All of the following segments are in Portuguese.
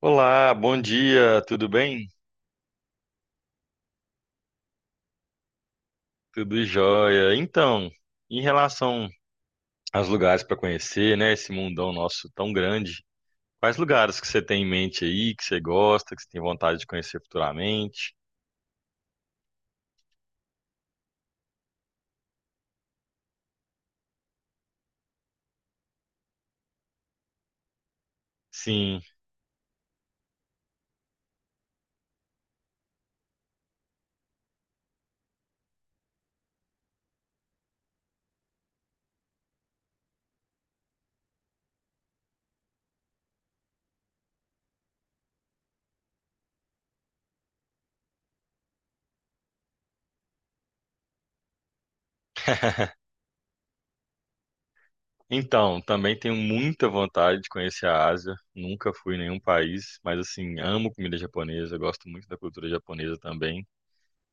Olá, bom dia, tudo bem? Tudo jóia. Então, em relação aos lugares para conhecer, né, esse mundão nosso tão grande, quais lugares que você tem em mente aí, que você gosta, que você tem vontade de conhecer futuramente? Sim. Então, também tenho muita vontade de conhecer a Ásia. Nunca fui em nenhum país, mas assim, amo comida japonesa, gosto muito da cultura japonesa também.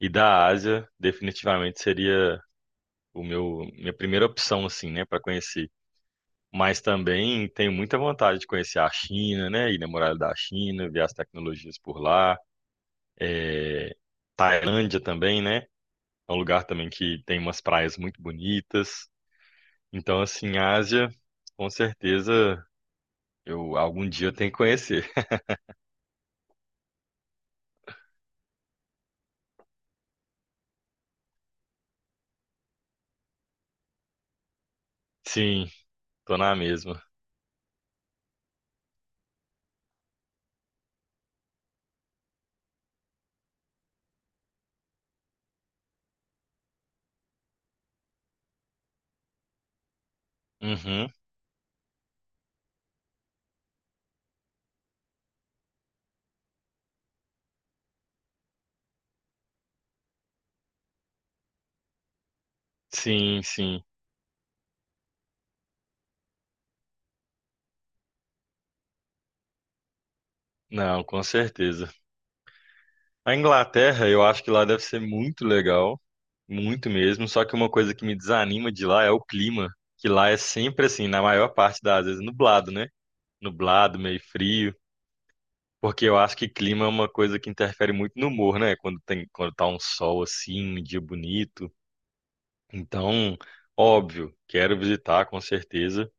E da Ásia, definitivamente seria o meu minha primeira opção assim, né, para conhecer. Mas também tenho muita vontade de conhecer a China, né? Ir na muralha da China, ver as tecnologias por lá. Tailândia também, né? É um lugar também que tem umas praias muito bonitas. Então, assim, a Ásia, com certeza, eu algum dia eu tenho que conhecer. Sim, tô na mesma. Uhum. Sim, sim. Não, com certeza. A Inglaterra, eu acho que lá deve ser muito legal, muito mesmo. Só que uma coisa que me desanima de lá é o clima, que lá é sempre assim, na maior parte das vezes nublado, né? Nublado, meio frio, porque eu acho que clima é uma coisa que interfere muito no humor, né? Quando tem, quando tá um sol assim, um dia bonito. Então, óbvio, quero visitar com certeza,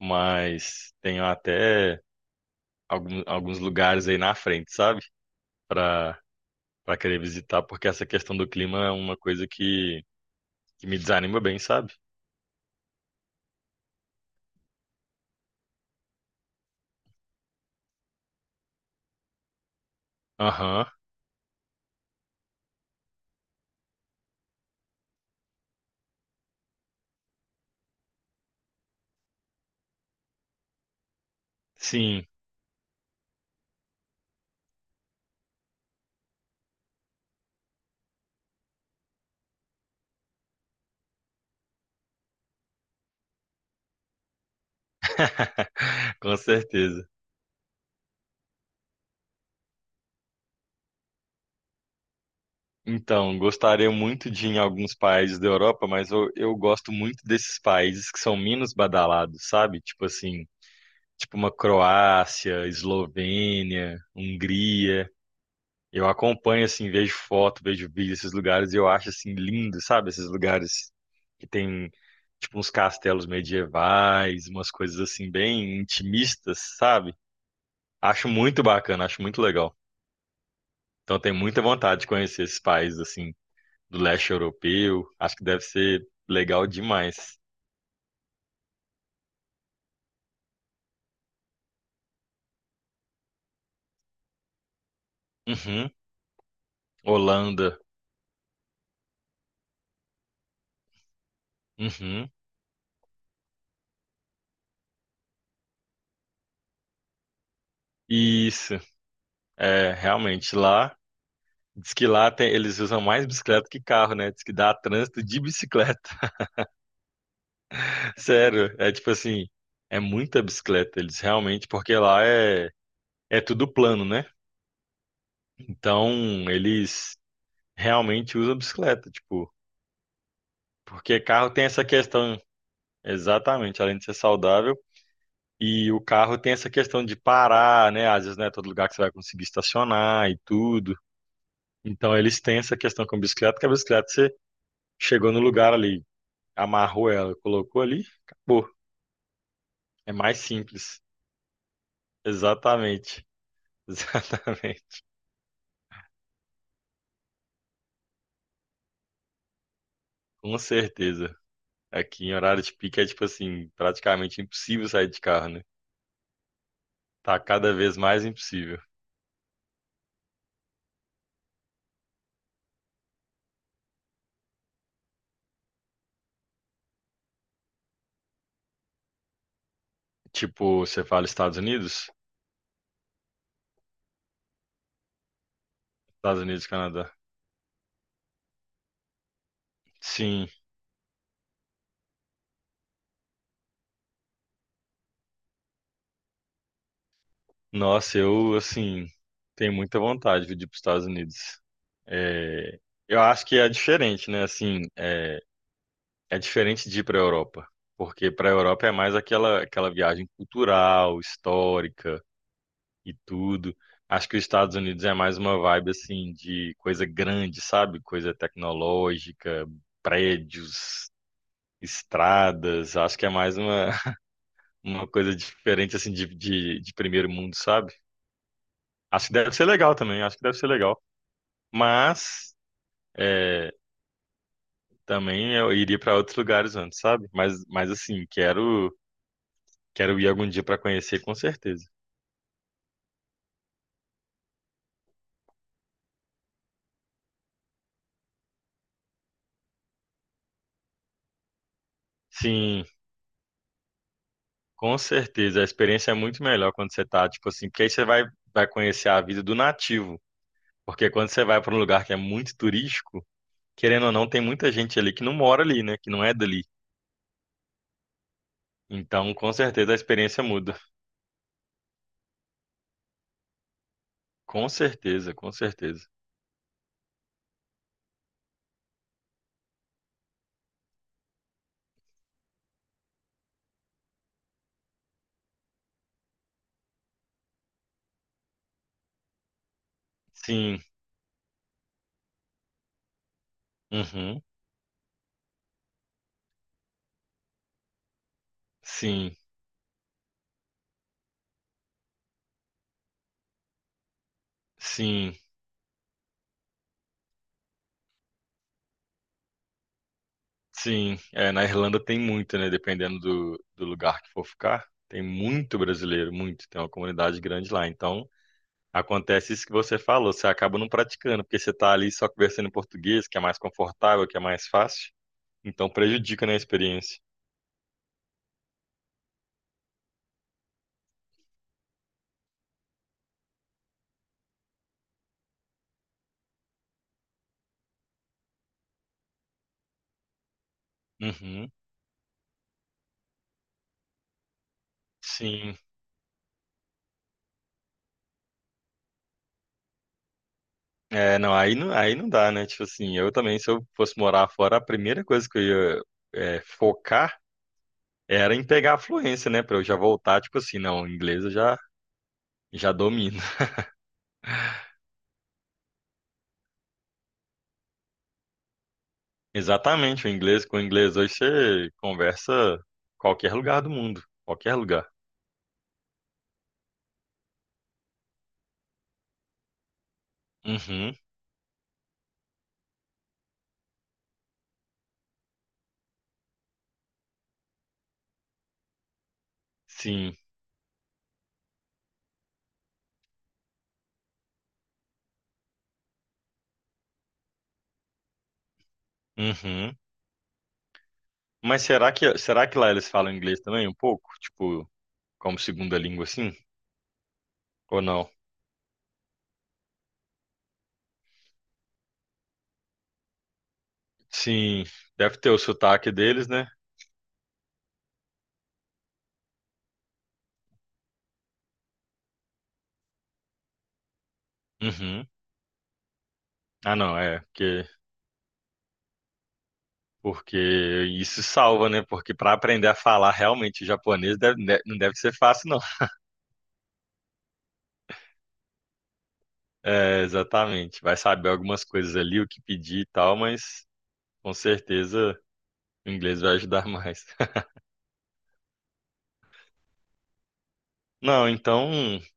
mas tenho até alguns lugares aí na frente, sabe? Para para querer visitar, porque essa questão do clima é uma coisa que me desanima bem, sabe? Aham, sim. Com certeza. Então, gostaria muito de ir em alguns países da Europa, mas eu gosto muito desses países que são menos badalados, sabe? Tipo assim, tipo uma Croácia, Eslovênia, Hungria. Eu acompanho assim, vejo foto, vejo vídeo desses lugares e eu acho assim lindo, sabe? Esses lugares que tem tipo uns castelos medievais, umas coisas assim bem intimistas, sabe? Acho muito bacana, acho muito legal. Então, tenho muita vontade de conhecer esses países assim. Do leste europeu. Acho que deve ser legal demais. Uhum. Holanda. Uhum. Isso. É, realmente lá. Diz que lá tem- eles usam mais bicicleta que carro, né? Diz que dá trânsito de bicicleta. Sério, é tipo assim, é muita bicicleta. Eles realmente, porque lá é, é tudo plano, né? Então eles realmente usam bicicleta, tipo, porque carro tem essa questão, exatamente, além de ser saudável. E o carro tem essa questão de parar, né? Às vezes não é todo lugar que você vai conseguir estacionar e tudo. Então eles têm essa questão com a bicicleta, que a bicicleta você chegou no lugar ali, amarrou ela, colocou ali, acabou. É mais simples. Exatamente. Exatamente. Com certeza. Aqui em horário de pico é tipo assim, praticamente impossível sair de carro, né? Tá cada vez mais impossível. Tipo, você fala Estados Unidos? Estados Unidos, Canadá. Sim. Nossa, eu, assim, tenho muita vontade de ir para os Estados Unidos. É, eu acho que é diferente, né? Assim, é, é diferente de ir para a Europa, porque para a Europa é mais aquela, aquela viagem cultural, histórica e tudo. Acho que os Estados Unidos é mais uma vibe, assim, de coisa grande, sabe? Coisa tecnológica, prédios, estradas. Acho que é mais uma, uma coisa diferente, assim, de primeiro mundo, sabe? Acho que deve ser legal também, acho que deve ser legal. Mas é, também eu iria para outros lugares antes, sabe? Mas assim, quero, quero ir algum dia para conhecer, com certeza. Sim, com certeza. A experiência é muito melhor quando você tá, tipo assim, porque aí você vai, vai conhecer a vida do nativo. Porque quando você vai para um lugar que é muito turístico, querendo ou não, tem muita gente ali que não mora ali, né? Que não é dali. Então, com certeza a experiência muda. Com certeza, com certeza. Sim, uhum, sim, sim. Sim, é, na Irlanda tem muito, né? Dependendo do lugar que for ficar, tem muito brasileiro, muito. Tem uma comunidade grande lá. Então, acontece isso que você falou, você acaba não praticando, porque você tá ali só conversando em português, que é mais confortável, que é mais fácil. Então, prejudica, né, a experiência. Uhum, sim. É, não, aí não dá, né? Tipo assim, eu também, se eu fosse morar fora, a primeira coisa que eu ia, é, focar era em pegar a fluência, né? Pra eu já voltar, tipo assim, não, inglês eu já domino. Exatamente, o inglês com o inglês hoje você conversa qualquer lugar do mundo, qualquer lugar. Uhum, sim, uhum. Mas será que lá eles falam inglês também um pouco, tipo, como segunda língua assim? Ou não? Sim, deve ter o sotaque deles, né? Uhum. Ah, não, é, porque isso salva, né? Porque para aprender a falar realmente japonês não deve ser fácil, não. É, exatamente. Vai saber algumas coisas ali, o que pedir e tal, mas com certeza o inglês vai ajudar mais. Não, então,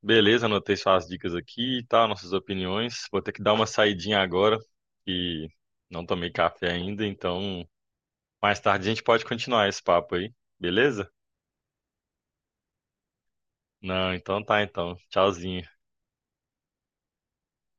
beleza, anotei suas dicas aqui e tal, nossas opiniões. Vou ter que dar uma saidinha agora e não tomei café ainda, então mais tarde a gente pode continuar esse papo aí, beleza? Não, então tá, então. Tchauzinho.